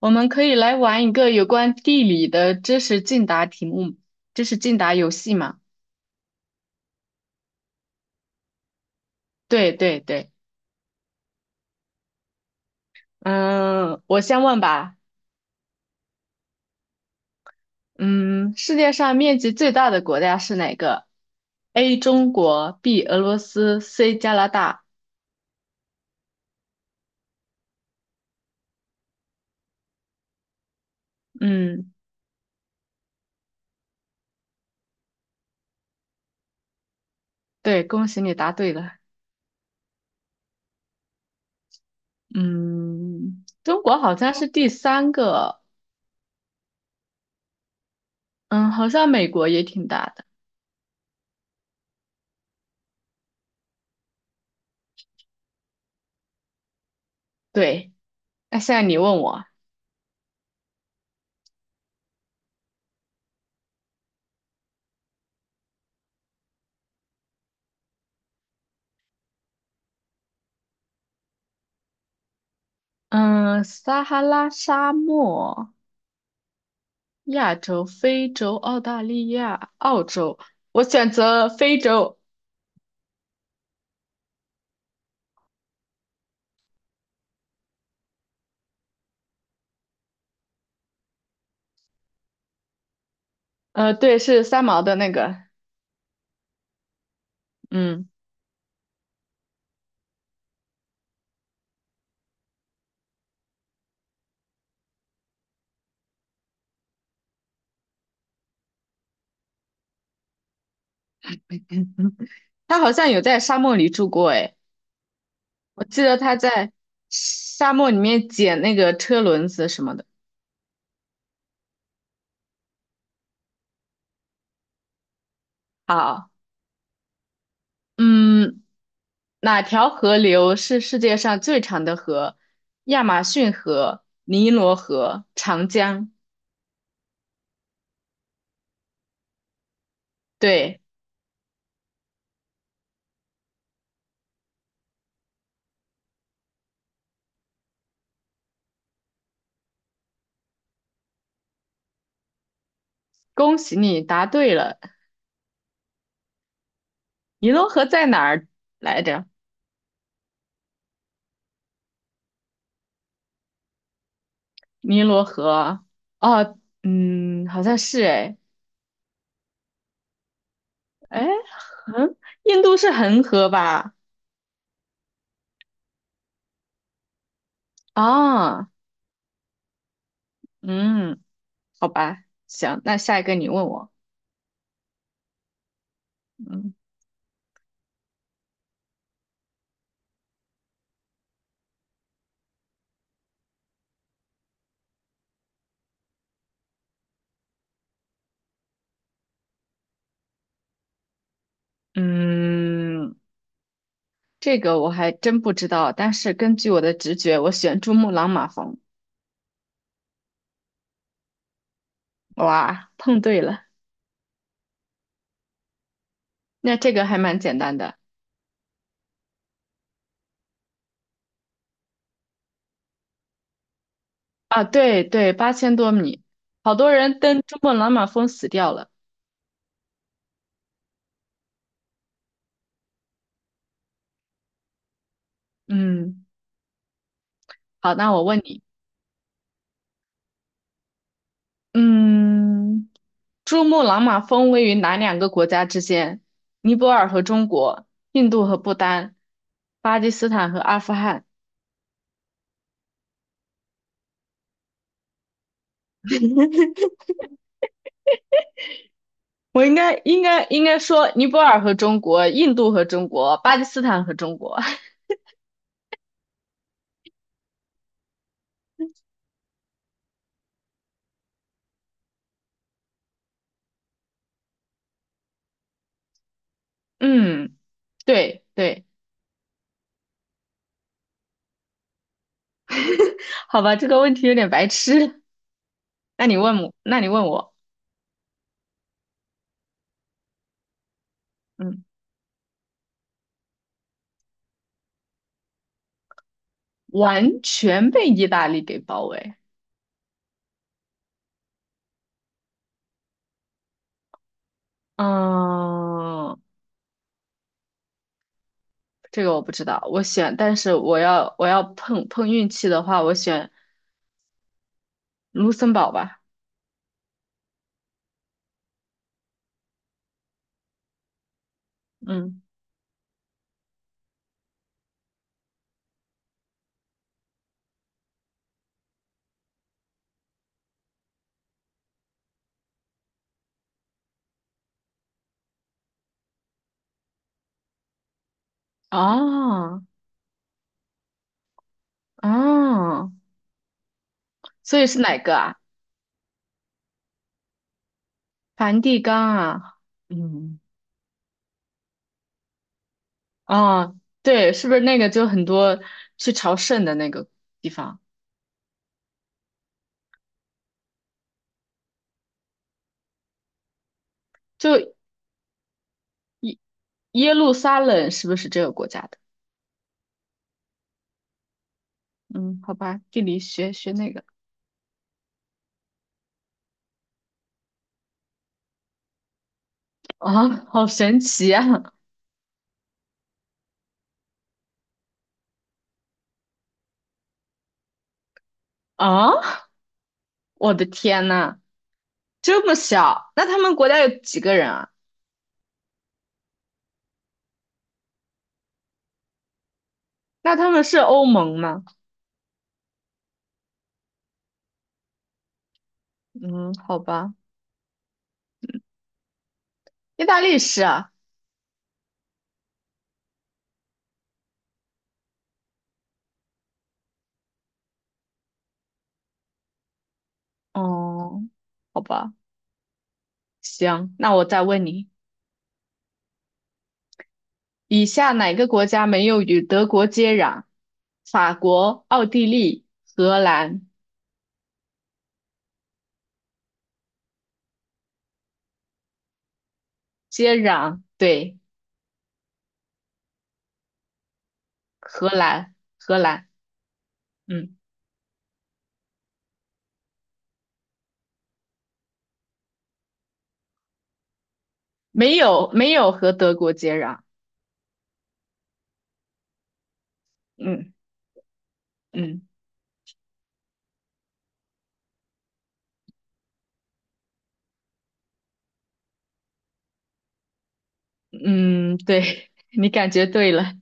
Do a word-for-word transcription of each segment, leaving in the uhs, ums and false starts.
我们可以来玩一个有关地理的知识竞答题目，知识竞答游戏嘛？对对对。嗯，我先问吧。嗯，世界上面积最大的国家是哪个？A 中国，B 俄罗斯，C 加拿大。嗯，对，恭喜你答对了。嗯，中国好像是第三个。嗯，好像美国也挺大的。对，那现在你问我。嗯，撒哈拉沙漠。亚洲、非洲、澳大利亚、澳洲，我选择非洲。呃，对，是三毛的那个。嗯，他好像有在沙漠里住过，诶，我记得他在沙漠里面捡那个车轮子什么的。好。嗯，哪条河流是世界上最长的河？亚马逊河、尼罗河、长江。对，恭喜你答对了。尼罗河在哪儿来着？尼罗河。哦，嗯，好像是哎。哎，恒，印度是恒河吧？啊，嗯，好吧，行，那下一个你问我。嗯嗯，这个我还真不知道，但是根据我的直觉，我选珠穆朗玛峰。哇，碰对了，那这个还蛮简单的。啊，对对，八千多米，好多人登珠穆朗玛峰死掉了。嗯，好，那我问你。嗯。珠穆朗玛峰位于哪两个国家之间？尼泊尔和中国，印度和不丹，巴基斯坦和阿富汗。我应该应该应该说尼泊尔和中国，印度和中国，巴基斯坦和中国。嗯，对对。好吧，这个问题有点白痴。那你问我，那你问我。嗯，完全被意大利给包围。嗯，这个我不知道，我选，但是我要我要碰碰运气的话，我选卢森堡吧？嗯，哦哦，所以是哪个啊？梵蒂冈啊？嗯，哦，对，是不是那个就很多去朝圣的那个地方？就耶路撒冷是不是这个国家的？嗯，好吧，地理学学那个。啊，好神奇啊！啊，我的天呐，这么小，那他们国家有几个人啊？那他们是欧盟吗？嗯，好吧，意大利是啊。哦，好吧。行，那我再问你。以下哪个国家没有与德国接壤？法国、奥地利、荷兰。接壤，对，荷兰，荷兰。嗯，没有，没有和德国接壤。嗯嗯嗯，对，你感觉对了。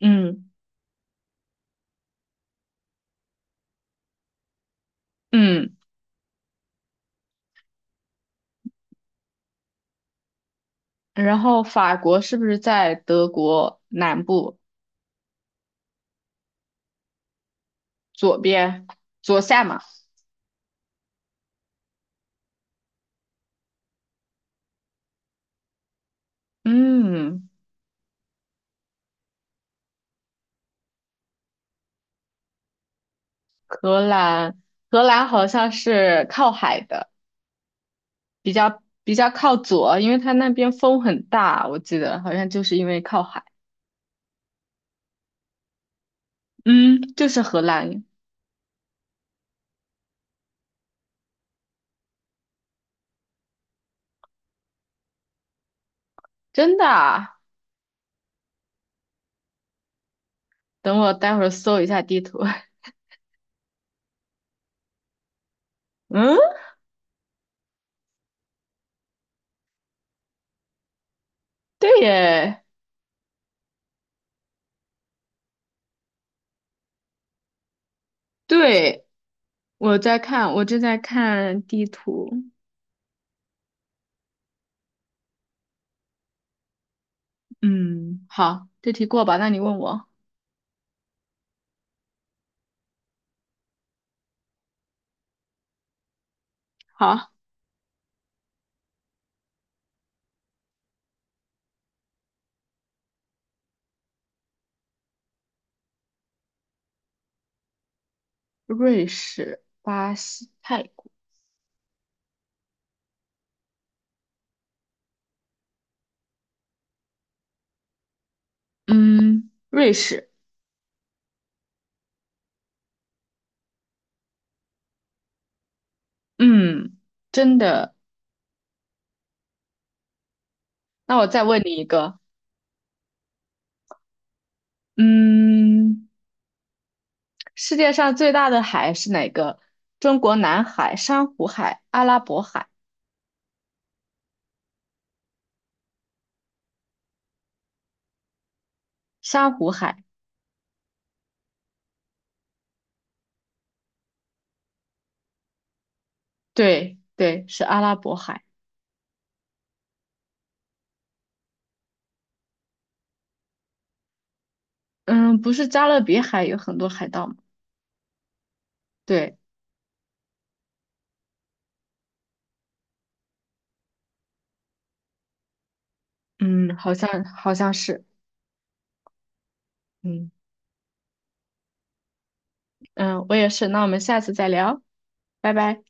嗯嗯，然后法国是不是在德国南部左边左下嘛？嗯，荷兰，荷兰好像是靠海的。比较比较靠左，因为它那边风很大，我记得好像就是因为靠海。嗯，就是荷兰。真的啊？等我待会儿搜一下地图。嗯，对耶，对，我在看，我正在看地图。嗯，好，这题过吧，那你问我。好，瑞士、巴西、泰国。嗯，瑞士。嗯，真的。那我再问你一个。嗯。世界上最大的海是哪个？中国南海、珊瑚海、阿拉伯海、珊瑚海。对对，是阿拉伯海。嗯，不是加勒比海有很多海盗吗？对，嗯，好像好像是。嗯嗯，我也是。那我们下次再聊，拜拜。